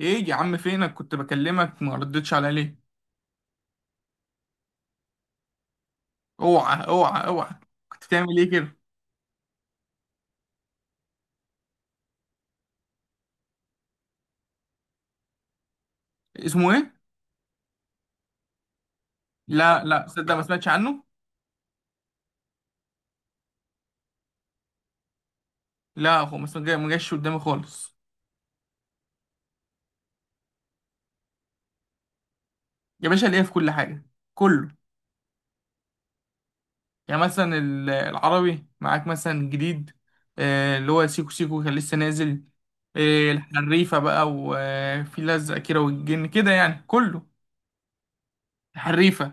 ايه يا عم، فينك؟ كنت بكلمك ما ردتش عليا ليه؟ اوعى اوعى اوعى! كنت بتعمل ايه كده؟ اسمه ايه؟ لا لا، صدق ما سمعتش عنه. لا هو ما جاش قدامي خالص. يا باشا، ليه في كل حاجه. كله. يعني مثلا العربي معاك مثلا جديد. اللي هو سيكو سيكو كان لسه نازل. الحريفه بقى، وفي لزق كده والجن كده، يعني كله. الحريفه.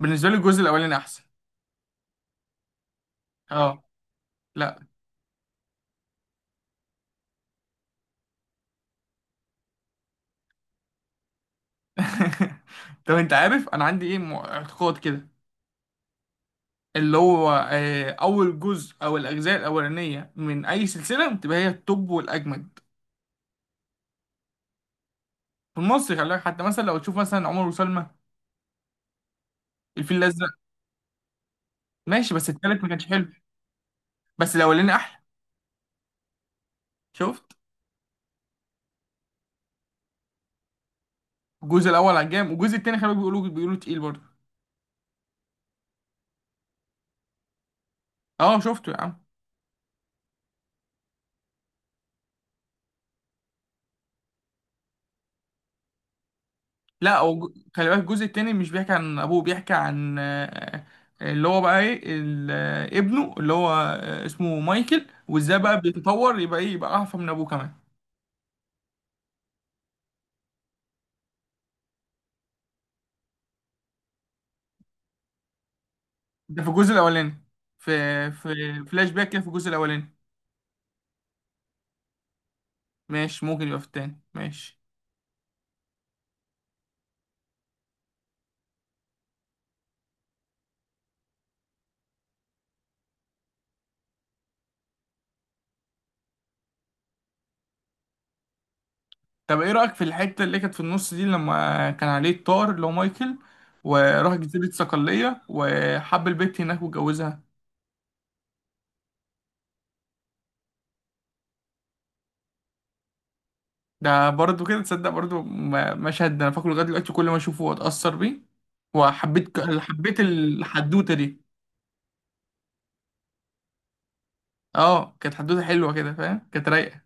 بالنسبه لي الجزء الاولاني احسن. اه. لا. طب انت عارف انا عندي ايه، اعتقاد كده؟ اللي هو اول جزء او الاجزاء الاولانيه من اي سلسله بتبقى هي التوب والاجمد. في مصر، خلي بالك، حتى مثلا لو تشوف مثلا عمر وسلمى. الفيل الازرق. ماشي، بس التالت ما كانش حلو. بس الاولاني احلى. شفت؟ الجزء الاول عجبني، والجزء التاني خلي بالك، بيقولوا تقيل برضه. اه، شفته يا عم. لا هو خلي بالك، الجزء التاني مش بيحكي عن ابوه، بيحكي عن. اللي هو بقى ايه ابنه اللي هو اسمه مايكل، وازاي بقى بيتطور يبقى ايه، يبقى اعفى من ابوه كمان. ده في الجزء الاولاني، في في فلاش باك كده في الجزء الاولاني. ماشي، ممكن يبقى في التاني، ماشي. طب ايه رايك في الحته اللي كانت في النص دي، لما كان عليه الطار اللي هو مايكل وراح جزيره صقليه وحب البت هناك واتجوزها؟ ده برضه كده، تصدق برضه مشهد ده انا فاكره لغايه دلوقتي، كل ما اشوفه اتاثر بيه. وحبيت ك- حبيت الحدوته دي. اه، كانت حدوته حلوه كده، فاهم؟ كانت رايقه.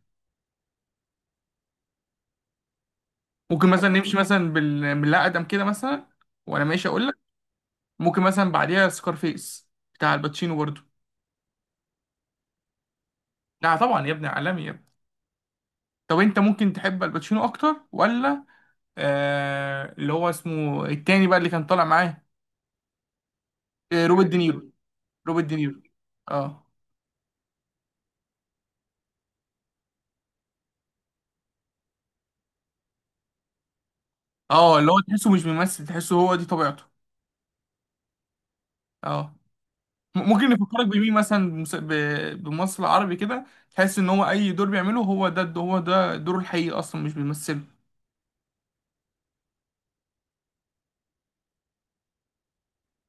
ممكن مثلا نمشي مثلا بالله ادم كده مثلا. وانا ماشي اقول، ممكن مثلا بعديها سكارفيس، بتاع الباتشينو برضو. لا طبعا يا ابني، عالمي يا ابني. طب انت ممكن تحب الباتشينو اكتر ولا اللي هو اسمه التاني بقى، اللي كان طالع معاه، روبرت دينيرو؟ روبرت دينيرو. اه. اه، اللي هو تحسه مش بيمثل، تحسه هو دي طبيعته. اه. ممكن نفكرك بمين مثلا، بممثل عربي كده، تحس ان هو اي دور بيعمله هو ده هو ده دوره الحقيقي اصلا مش بيمثله؟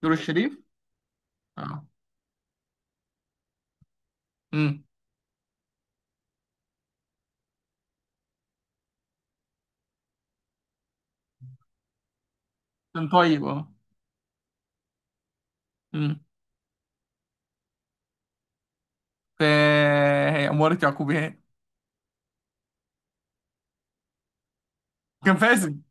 دور الشريف. اه. امم. كان طيب، اه. امم. ف هي أمارة يعقوبيان. كان فاسد.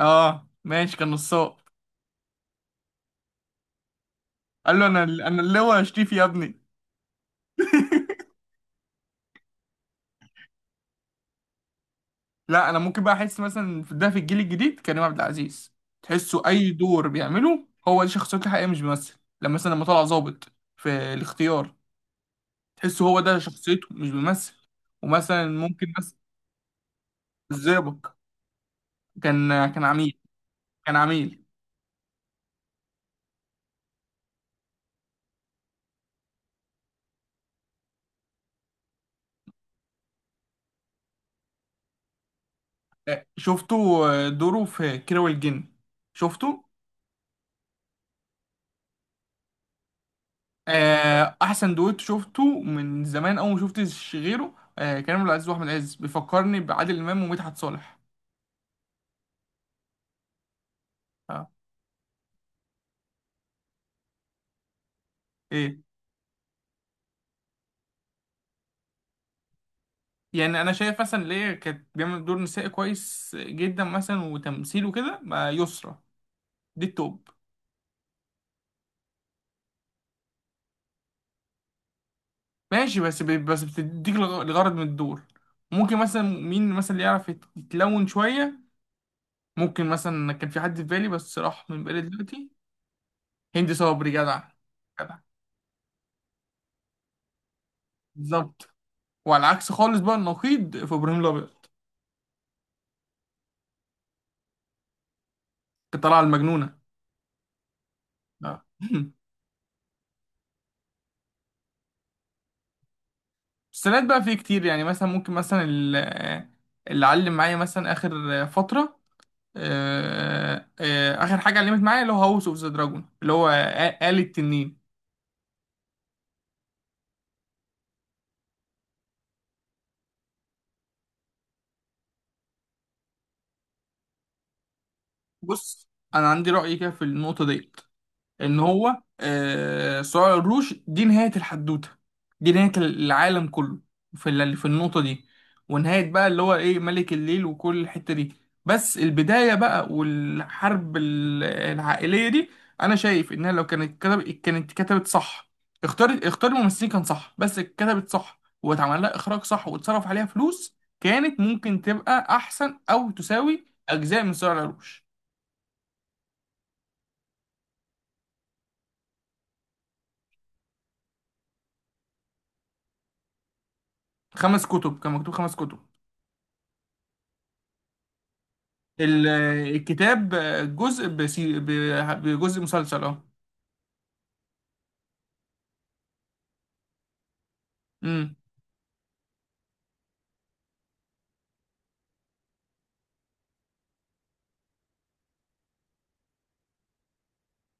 اه، ماشي، كان نصاب. قال له انا اللي هو هشتيفي يا ابني. لا انا ممكن بقى احس مثلا في ده، في الجيل الجديد، كريم عبد العزيز. تحسه اي دور بيعمله هو دي شخصيته الحقيقيه مش بيمثل، لما طلع ظابط في الاختيار. تحسه هو ده شخصيته، مش بيمثل. ومثلا ممكن مثلا الزئبق، كان عميل، كان عميل. شفته. دوره في كيرة والجن، شفته. احسن دويتو شفته من زمان، اول ما شفتش غيره. كريم عبد العزيز واحمد عز بيفكرني بعادل امام ومدحت صالح. اه. ايه؟ يعني انا شايف مثلا، ليه كانت بيعمل دور نسائي كويس جدا مثلا وتمثيل وكده، مع يسرا. دي التوب. ماشي، بس بتديك الغرض من الدور. ممكن مثلا مين مثلا اللي يعرف يتلون شويه؟ ممكن مثلا كان في حد في بالي بس راح من بالي دلوقتي. هندي صبري جدع. جدع. بالظبط. وعلى العكس خالص بقى، النقيض في ابراهيم الابيض. الطلعة المجنونة. اه. السنات بقى فيه كتير، يعني مثلا ممكن مثلا. اللي علم معايا مثلا آخر فترة، آخر حاجة علمت معايا اللي هو هاوس اوف ذا دراجون، اللي هو آلة التنين. بص، أنا عندي رأي كده في النقطة ديت. ان هو صراع العروش دي نهاية الحدوتة، دي نهاية العالم كله، في النقطة دي. ونهاية بقى اللي هو ايه، ملك الليل وكل الحتة دي. بس البداية بقى، والحرب العائلية دي، انا شايف انها لو كانت كتب كانت كتبت صح. اختار الممثلين كان صح، بس اتكتبت صح واتعمل لها اخراج صح واتصرف عليها فلوس، كانت ممكن تبقى احسن او تساوي اجزاء من صراع العروش. خمس كتب، كان مكتوب خمس كتب. ال- الكتاب، جزء بجزء مسلسل، اه. امم.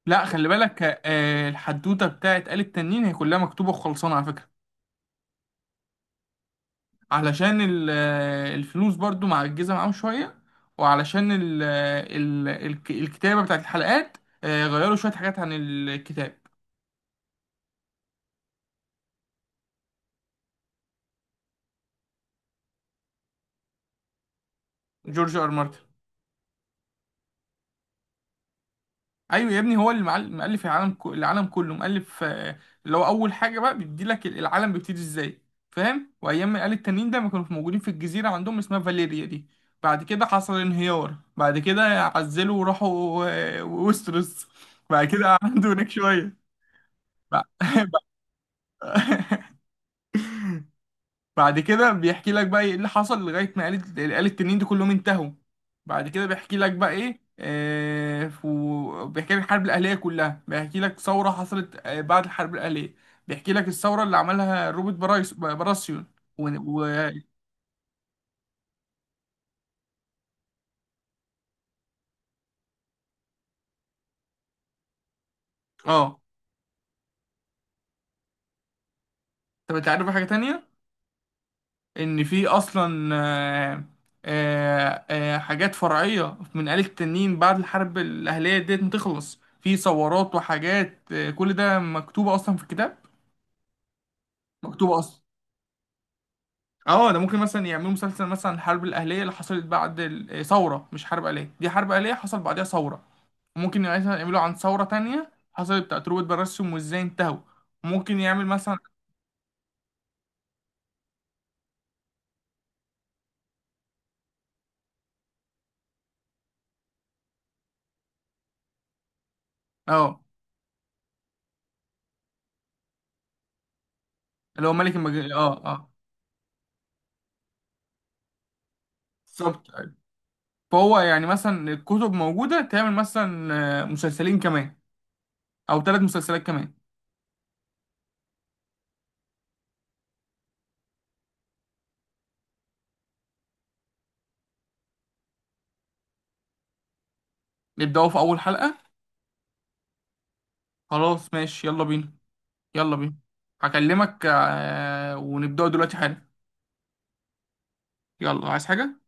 لا، خلي بالك، الحدوته بتاعت آل التنين هي كلها مكتوبه وخلصانه على فكره. علشان الفلوس برضو معجزه معاهم شويه، وعلشان ال... آه، ال... الك- الكتابه بتاعت الحلقات، غيروا شويه حاجات عن الكتاب. جورج ار مارتن. ايوه يا ابني، هو اللي مؤلف العالم كله، مؤلف. اللي هو اول حاجه بقى، بيدي لك العالم بيبتدي ازاي. فاهم؟ وايام ما قال التانيين ده ما كانوا موجودين في الجزيره عندهم اسمها فاليريا دي. بعد كده حصل انهيار، بعد كده عزلوا وراحوا ويستروس. بعد كده قعدوا هناك شويه، بع- بعد كده بيحكي لك بقى ايه اللي حصل، لغاية ما آلة التنين دي كلهم انتهوا. بعد كده بيحكي لك بقى ايه، بيحكي لك الحرب الأهلية كلها، بيحكي لك ثورة حصلت بعد الحرب الأهلية، بيحكي لك الثورة اللي عملها روبرت برايس براسيون. و... و... اه. طب انت عارف حاجة تانية؟ ان في اصلا. حاجات فرعية من آلة التنين بعد الحرب الأهلية ديت، ما تخلص في ثورات وحاجات، كل ده مكتوبة اصلا في الكتاب. مكتوبة اصلا. اه، ده ممكن مثلا يعملوا مسلسل مثلا عن الحرب الأهلية اللي حصلت بعد ثورة، مش حرب أهلية، دي حرب أهلية حصل بعدها ثورة. ممكن مثلا يعملوا عن ثورة تانية حصلت بتاعت روبرت براسيوم، وازاي انتهوا. ممكن يعمل مثلا. اه، اللي هو ملك المجال، اه اه. بالظبط. فهو يعني مثلا الكتب موجودة، تعمل مثلا مسلسلين كمان أو ثلاث مسلسلات كمان. نبدأوا في أول حلقة. خلاص، ماشي، يلا بينا. يلا بينا. هكلمك، ونبدأوا دلوقتي حالا. يلا، عايز حاجة؟